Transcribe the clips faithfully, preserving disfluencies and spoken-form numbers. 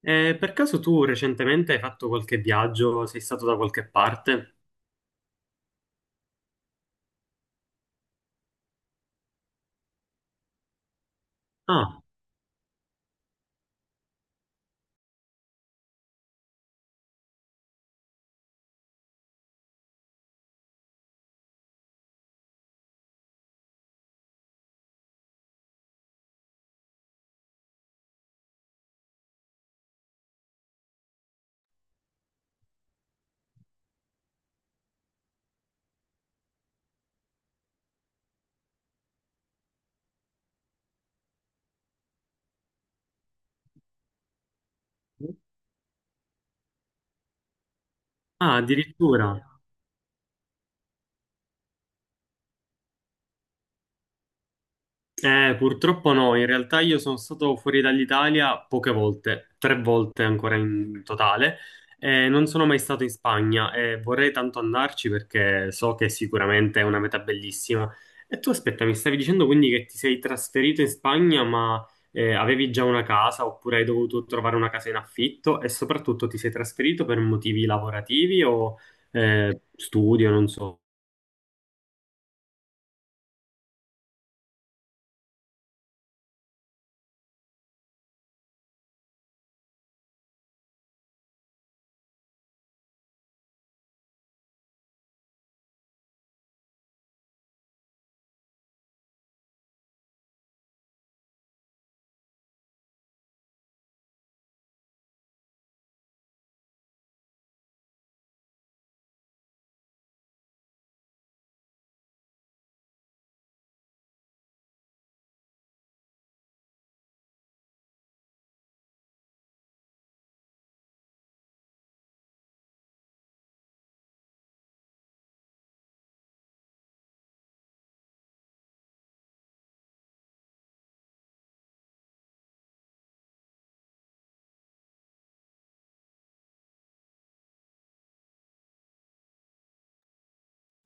Eh, per caso tu recentemente hai fatto qualche viaggio? Sei stato da qualche parte? Ah, ah, addirittura. Eh, purtroppo no, in realtà io sono stato fuori dall'Italia poche volte, tre volte ancora in totale, e non sono mai stato in Spagna e vorrei tanto andarci perché so che sicuramente è una meta bellissima. E tu aspetta, mi stavi dicendo quindi che ti sei trasferito in Spagna, ma eh, avevi già una casa oppure hai dovuto trovare una casa in affitto e soprattutto ti sei trasferito per motivi lavorativi o eh, studio, non so.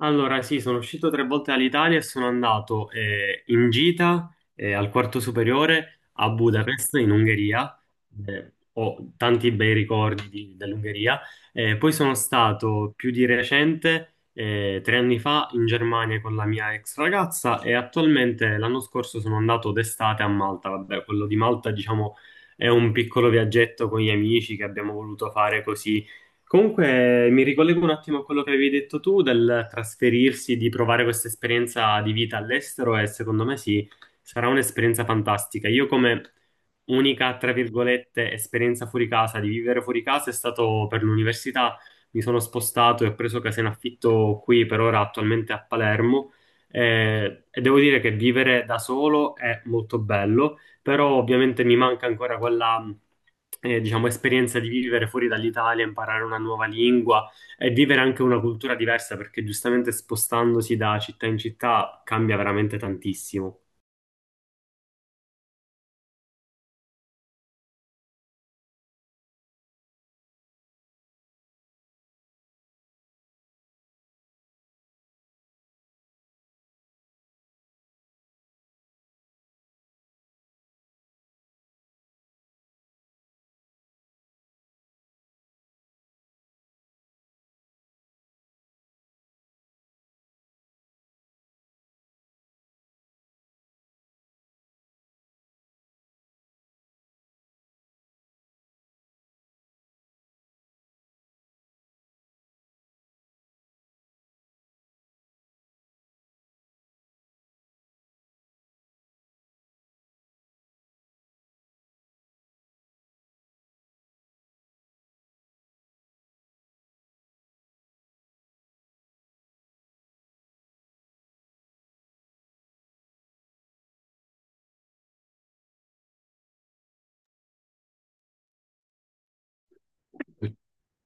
Allora, sì, sono uscito tre volte dall'Italia e sono andato eh, in gita eh, al quarto superiore a Budapest, in Ungheria. Eh, ho tanti bei ricordi di- dell'Ungheria. Eh, poi sono stato più di recente, eh, tre anni fa, in Germania con la mia ex ragazza e attualmente l'anno scorso sono andato d'estate a Malta. Vabbè, quello di Malta, diciamo, è un piccolo viaggetto con gli amici che abbiamo voluto fare così. Comunque mi ricollego un attimo a quello che avevi detto tu del trasferirsi, di provare questa esperienza di vita all'estero e secondo me sì, sarà un'esperienza fantastica. Io come unica, tra virgolette, esperienza fuori casa, di vivere fuori casa è stato per l'università. Mi sono spostato e ho preso casa in affitto qui per ora attualmente a Palermo, eh, e devo dire che vivere da solo è molto bello, però ovviamente mi manca ancora quella, eh, diciamo, esperienza di vivere fuori dall'Italia, imparare una nuova lingua e vivere anche una cultura diversa, perché giustamente spostandosi da città in città cambia veramente tantissimo.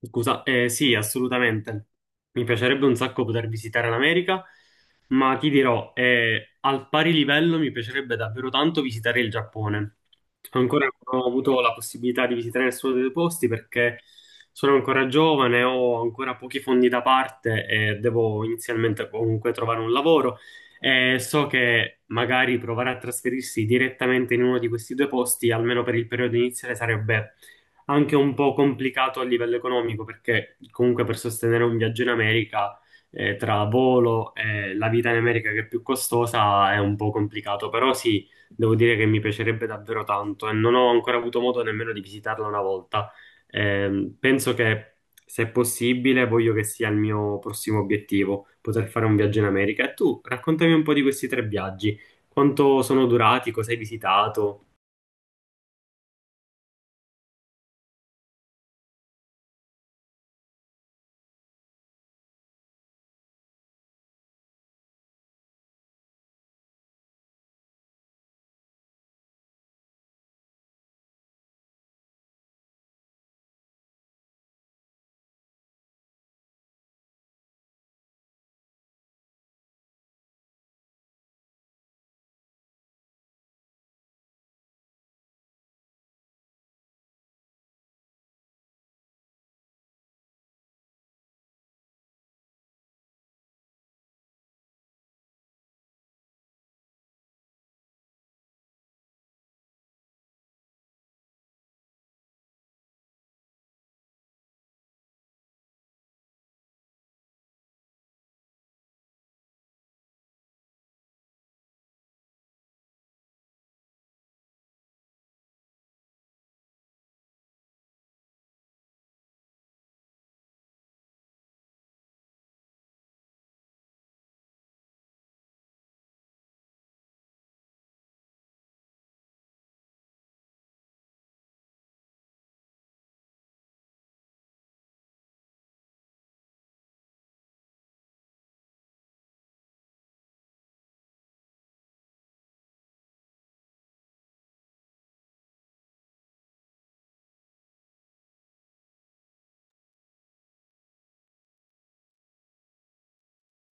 Scusa, eh, sì, assolutamente. Mi piacerebbe un sacco poter visitare l'America, ma ti dirò, eh, al pari livello mi piacerebbe davvero tanto visitare il Giappone. Ancora non ho avuto la possibilità di visitare nessuno dei due posti perché sono ancora giovane, ho ancora pochi fondi da parte e devo inizialmente comunque trovare un lavoro. E so che magari provare a trasferirsi direttamente in uno di questi due posti, almeno per il periodo iniziale, sarebbe anche un po' complicato a livello economico perché comunque per sostenere un viaggio in America, eh, tra volo e la vita in America che è più costosa è un po' complicato, però sì, devo dire che mi piacerebbe davvero tanto e non ho ancora avuto modo nemmeno di visitarla una volta. Ehm, penso che se è possibile voglio che sia il mio prossimo obiettivo, poter fare un viaggio in America. E tu, raccontami un po' di questi tre viaggi, quanto sono durati, cosa hai visitato,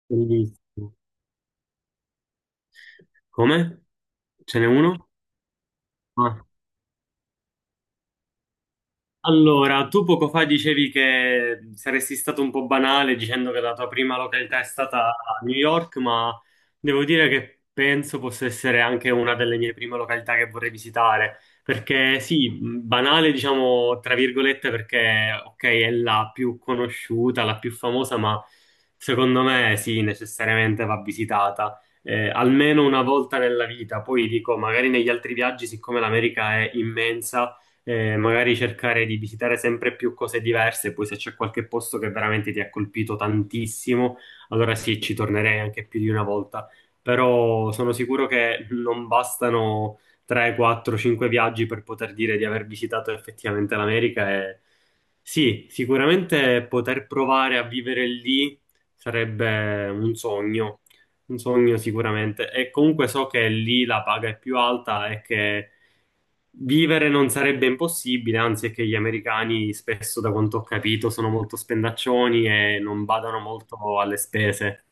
cosa hai visto. Come? Ce n'è uno? Eh, Allora, tu poco fa dicevi che saresti stato un po' banale dicendo che la tua prima località è stata New York, ma devo dire che penso possa essere anche una delle mie prime località che vorrei visitare, perché sì, mh, banale diciamo tra virgolette perché ok è la più conosciuta, la più famosa, ma secondo me sì, necessariamente va visitata. Eh, almeno una volta nella vita, poi dico, magari negli altri viaggi, siccome l'America è immensa, eh, magari cercare di visitare sempre più cose diverse, poi se c'è qualche posto che veramente ti ha colpito tantissimo, allora sì, ci tornerei anche più di una volta, però sono sicuro che non bastano tre, quattro, cinque viaggi per poter dire di aver visitato effettivamente l'America e sì, sicuramente poter provare a vivere lì sarebbe un sogno. Un sogno sicuramente. E comunque so che lì la paga è più alta e che vivere non sarebbe impossibile, anzi è che gli americani spesso, da quanto ho capito, sono molto spendaccioni e non badano molto alle spese.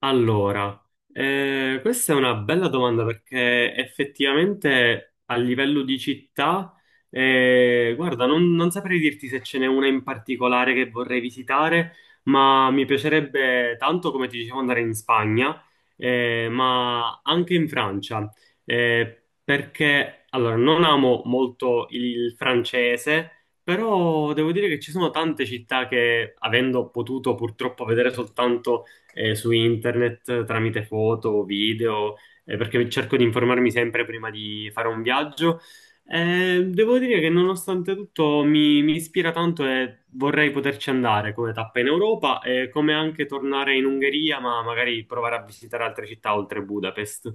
Allora, eh, questa è una bella domanda perché effettivamente a livello di città, eh, guarda, non, non saprei dirti se ce n'è una in particolare che vorrei visitare, ma mi piacerebbe tanto, come ti dicevo, andare in Spagna, eh, ma anche in Francia, eh, perché allora, non amo molto il francese. Però devo dire che ci sono tante città che, avendo potuto purtroppo vedere soltanto eh, su internet tramite foto o video, eh, perché cerco di informarmi sempre prima di fare un viaggio. Eh, devo dire che nonostante tutto mi, mi ispira tanto e vorrei poterci andare come tappa in Europa e come anche tornare in Ungheria, ma magari provare a visitare altre città oltre Budapest.